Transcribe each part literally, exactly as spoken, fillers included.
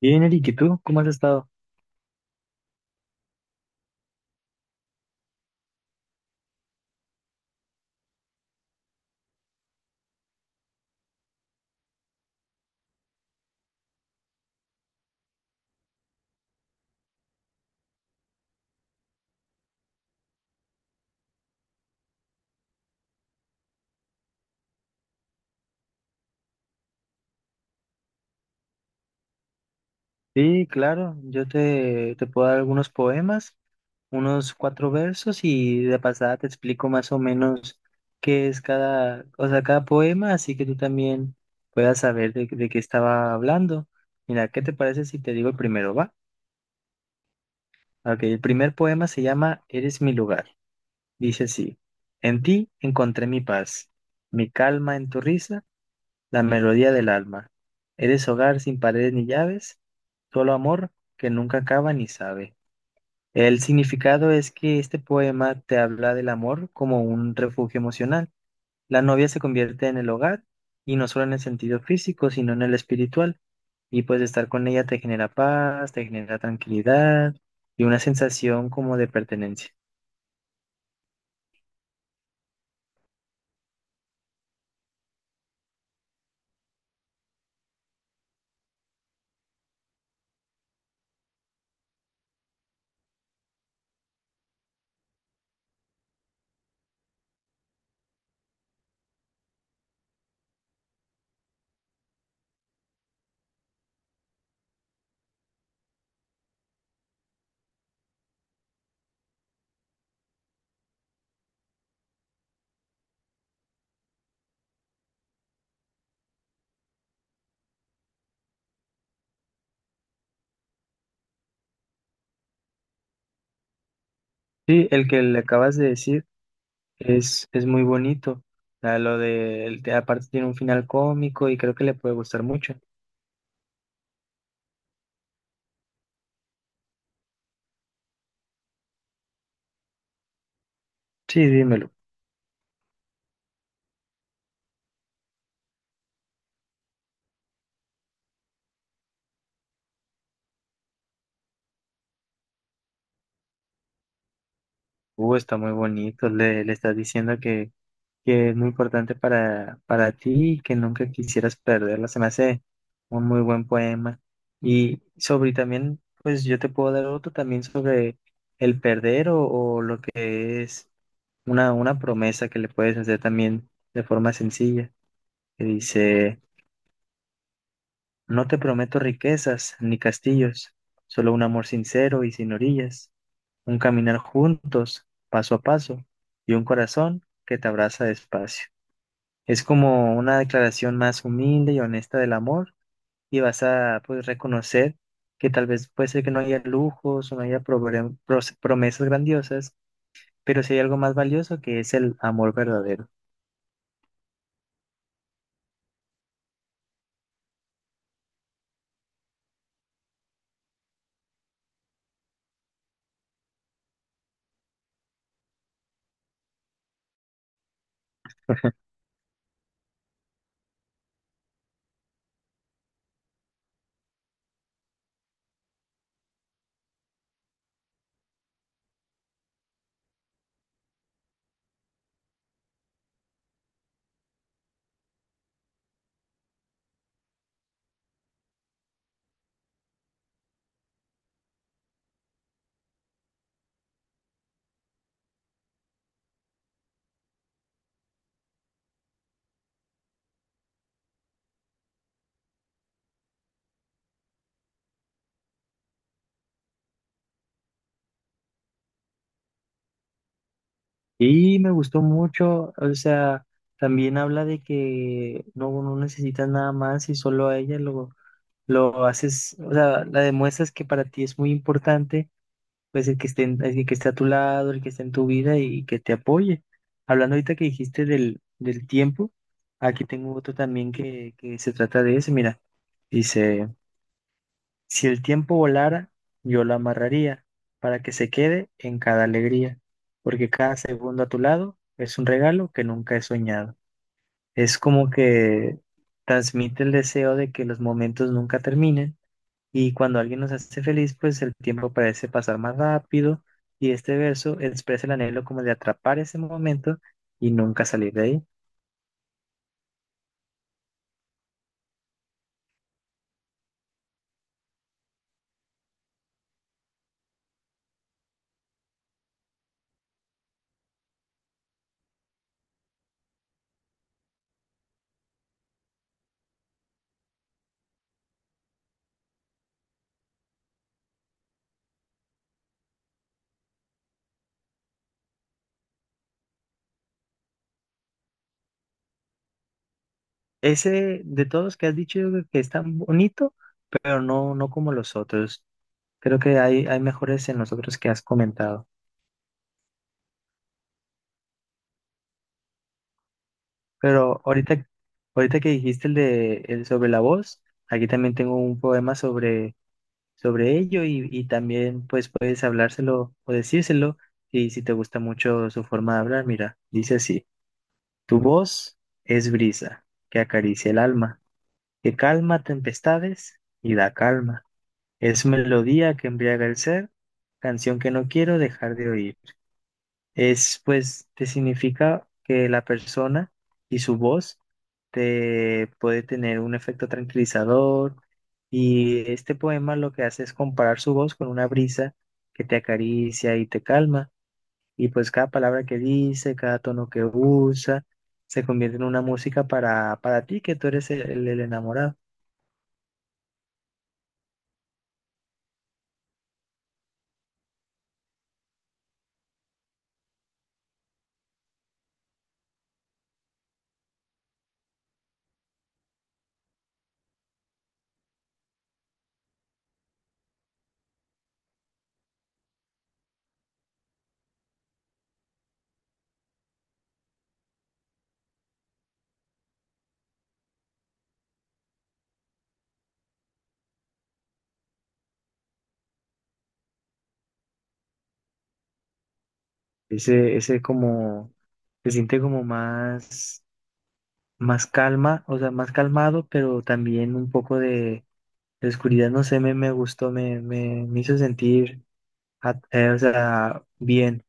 Bien, Eric, ¿y tú cómo has estado? Sí, claro, yo te, te puedo dar algunos poemas, unos cuatro versos y de pasada te explico más o menos qué es cada, o sea, cada poema, así que tú también puedas saber de, de qué estaba hablando. Mira, ¿qué te parece si te digo el primero, va? Ok, el primer poema se llama Eres mi lugar. Dice así, en ti encontré mi paz, mi calma en tu risa la melodía del alma. Eres hogar sin paredes ni llaves, solo amor que nunca acaba ni sabe. El significado es que este poema te habla del amor como un refugio emocional. La novia se convierte en el hogar y no solo en el sentido físico, sino en el espiritual. Y pues estar con ella te genera paz, te genera tranquilidad y una sensación como de pertenencia. Sí, el que le acabas de decir. Es, es muy bonito. Ah, lo de, el- aparte tiene un final cómico y creo que le puede gustar mucho. Sí, dímelo. Uh, está muy bonito. Le, le estás diciendo que, que es muy importante para, para ti y que nunca quisieras perderla. Se me hace un muy buen poema. Y sobre también, pues yo te puedo dar otro también sobre el perder o, o lo que es una, una promesa que le puedes hacer también de forma sencilla. Que dice. No te prometo riquezas ni castillos, solo un amor sincero y sin orillas, un caminar juntos, paso a paso, y un corazón que te abraza despacio. Es como una declaración más humilde y honesta del amor y vas a pues, reconocer que tal vez puede ser que no haya lujos o no haya probre- pros- promesas grandiosas, pero sí hay algo más valioso que es el amor verdadero. Y me gustó mucho, o sea, también habla de que no, no necesitas nada más y solo a ella lo, lo haces, o sea, la demuestras que para ti es muy importante, pues el que esté, en- el que esté a tu lado, el que esté en tu vida y que te apoye. Hablando ahorita que dijiste del, del tiempo, aquí tengo otro también que, que se trata de eso, mira, dice... Si el tiempo volara, yo lo amarraría para que se quede en cada alegría, porque cada segundo a tu lado es un regalo que nunca he soñado. Es como que transmite el deseo de que los momentos nunca terminen y cuando alguien nos hace feliz, pues el tiempo parece pasar más rápido y este verso expresa el anhelo como de atrapar ese momento y nunca salir de ahí. Ese de todos que has dicho yo creo que es tan bonito, pero no, no como los otros. Creo que hay, hay mejores en los otros que has comentado. Pero ahorita, ahorita que dijiste el de el sobre la voz, aquí también tengo un poema sobre, sobre ello y, y también pues puedes hablárselo o decírselo y si te gusta mucho su forma de hablar, mira, dice así, tu voz es brisa que acaricia el alma, que calma tempestades y da calma. Es melodía que embriaga el ser, canción que no quiero dejar de oír. Es pues te significa que la persona y su voz te puede tener un efecto tranquilizador y este poema lo que hace es comparar su voz con una brisa que te acaricia y te calma y pues cada palabra que dice, cada tono que usa se convierte en una música para, para ti que tú eres el, el enamorado. Ese, ese como se siente como más más calma, o sea, más calmado, pero también un poco de la oscuridad, no sé, me, me gustó, me, me, me hizo sentir, at- eh, o sea, bien.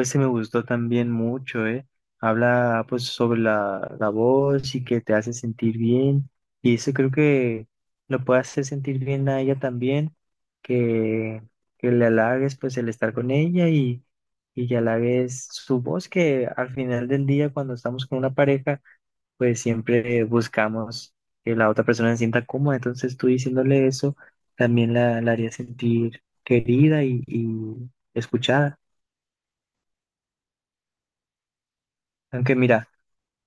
Ese me gustó también mucho, ¿eh? Habla, pues, sobre la, la voz y que te hace sentir bien. Y eso creo que lo puede hacer sentir bien a ella también, que, que le halagues, pues, el estar con ella y, y que halagues su voz, que al final del día, cuando estamos con una pareja, pues siempre buscamos que la otra persona se sienta cómoda. Entonces tú diciéndole eso también la, la haría sentir querida y, y escuchada. Aunque mira,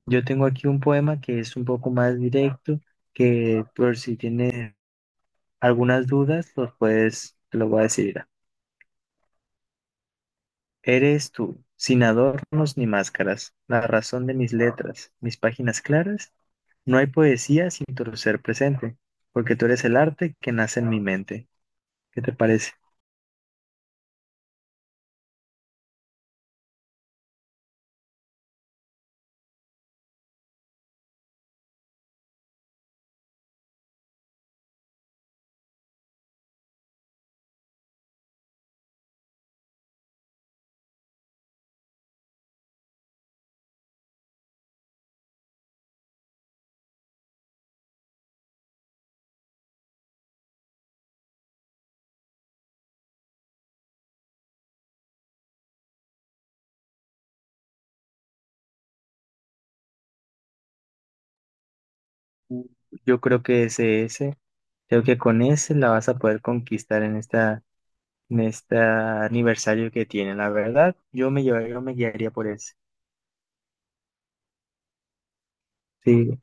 yo tengo aquí un poema que es un poco más directo, que por si tienes algunas dudas, los puedes, te lo voy a decir. Mira. Eres tú, sin adornos ni máscaras, la razón de mis letras, mis páginas claras. No hay poesía sin tu ser presente, porque tú eres el arte que nace en mi mente. ¿Qué te parece? Yo creo que es ese. Creo que con ese la vas a poder conquistar en esta, en este aniversario que tiene. La verdad, yo me llevaría, yo me guiaría por ese. Sí,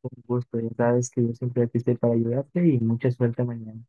con gusto. Ya sabes que yo siempre aquí estoy para ayudarte y mucha suerte mañana.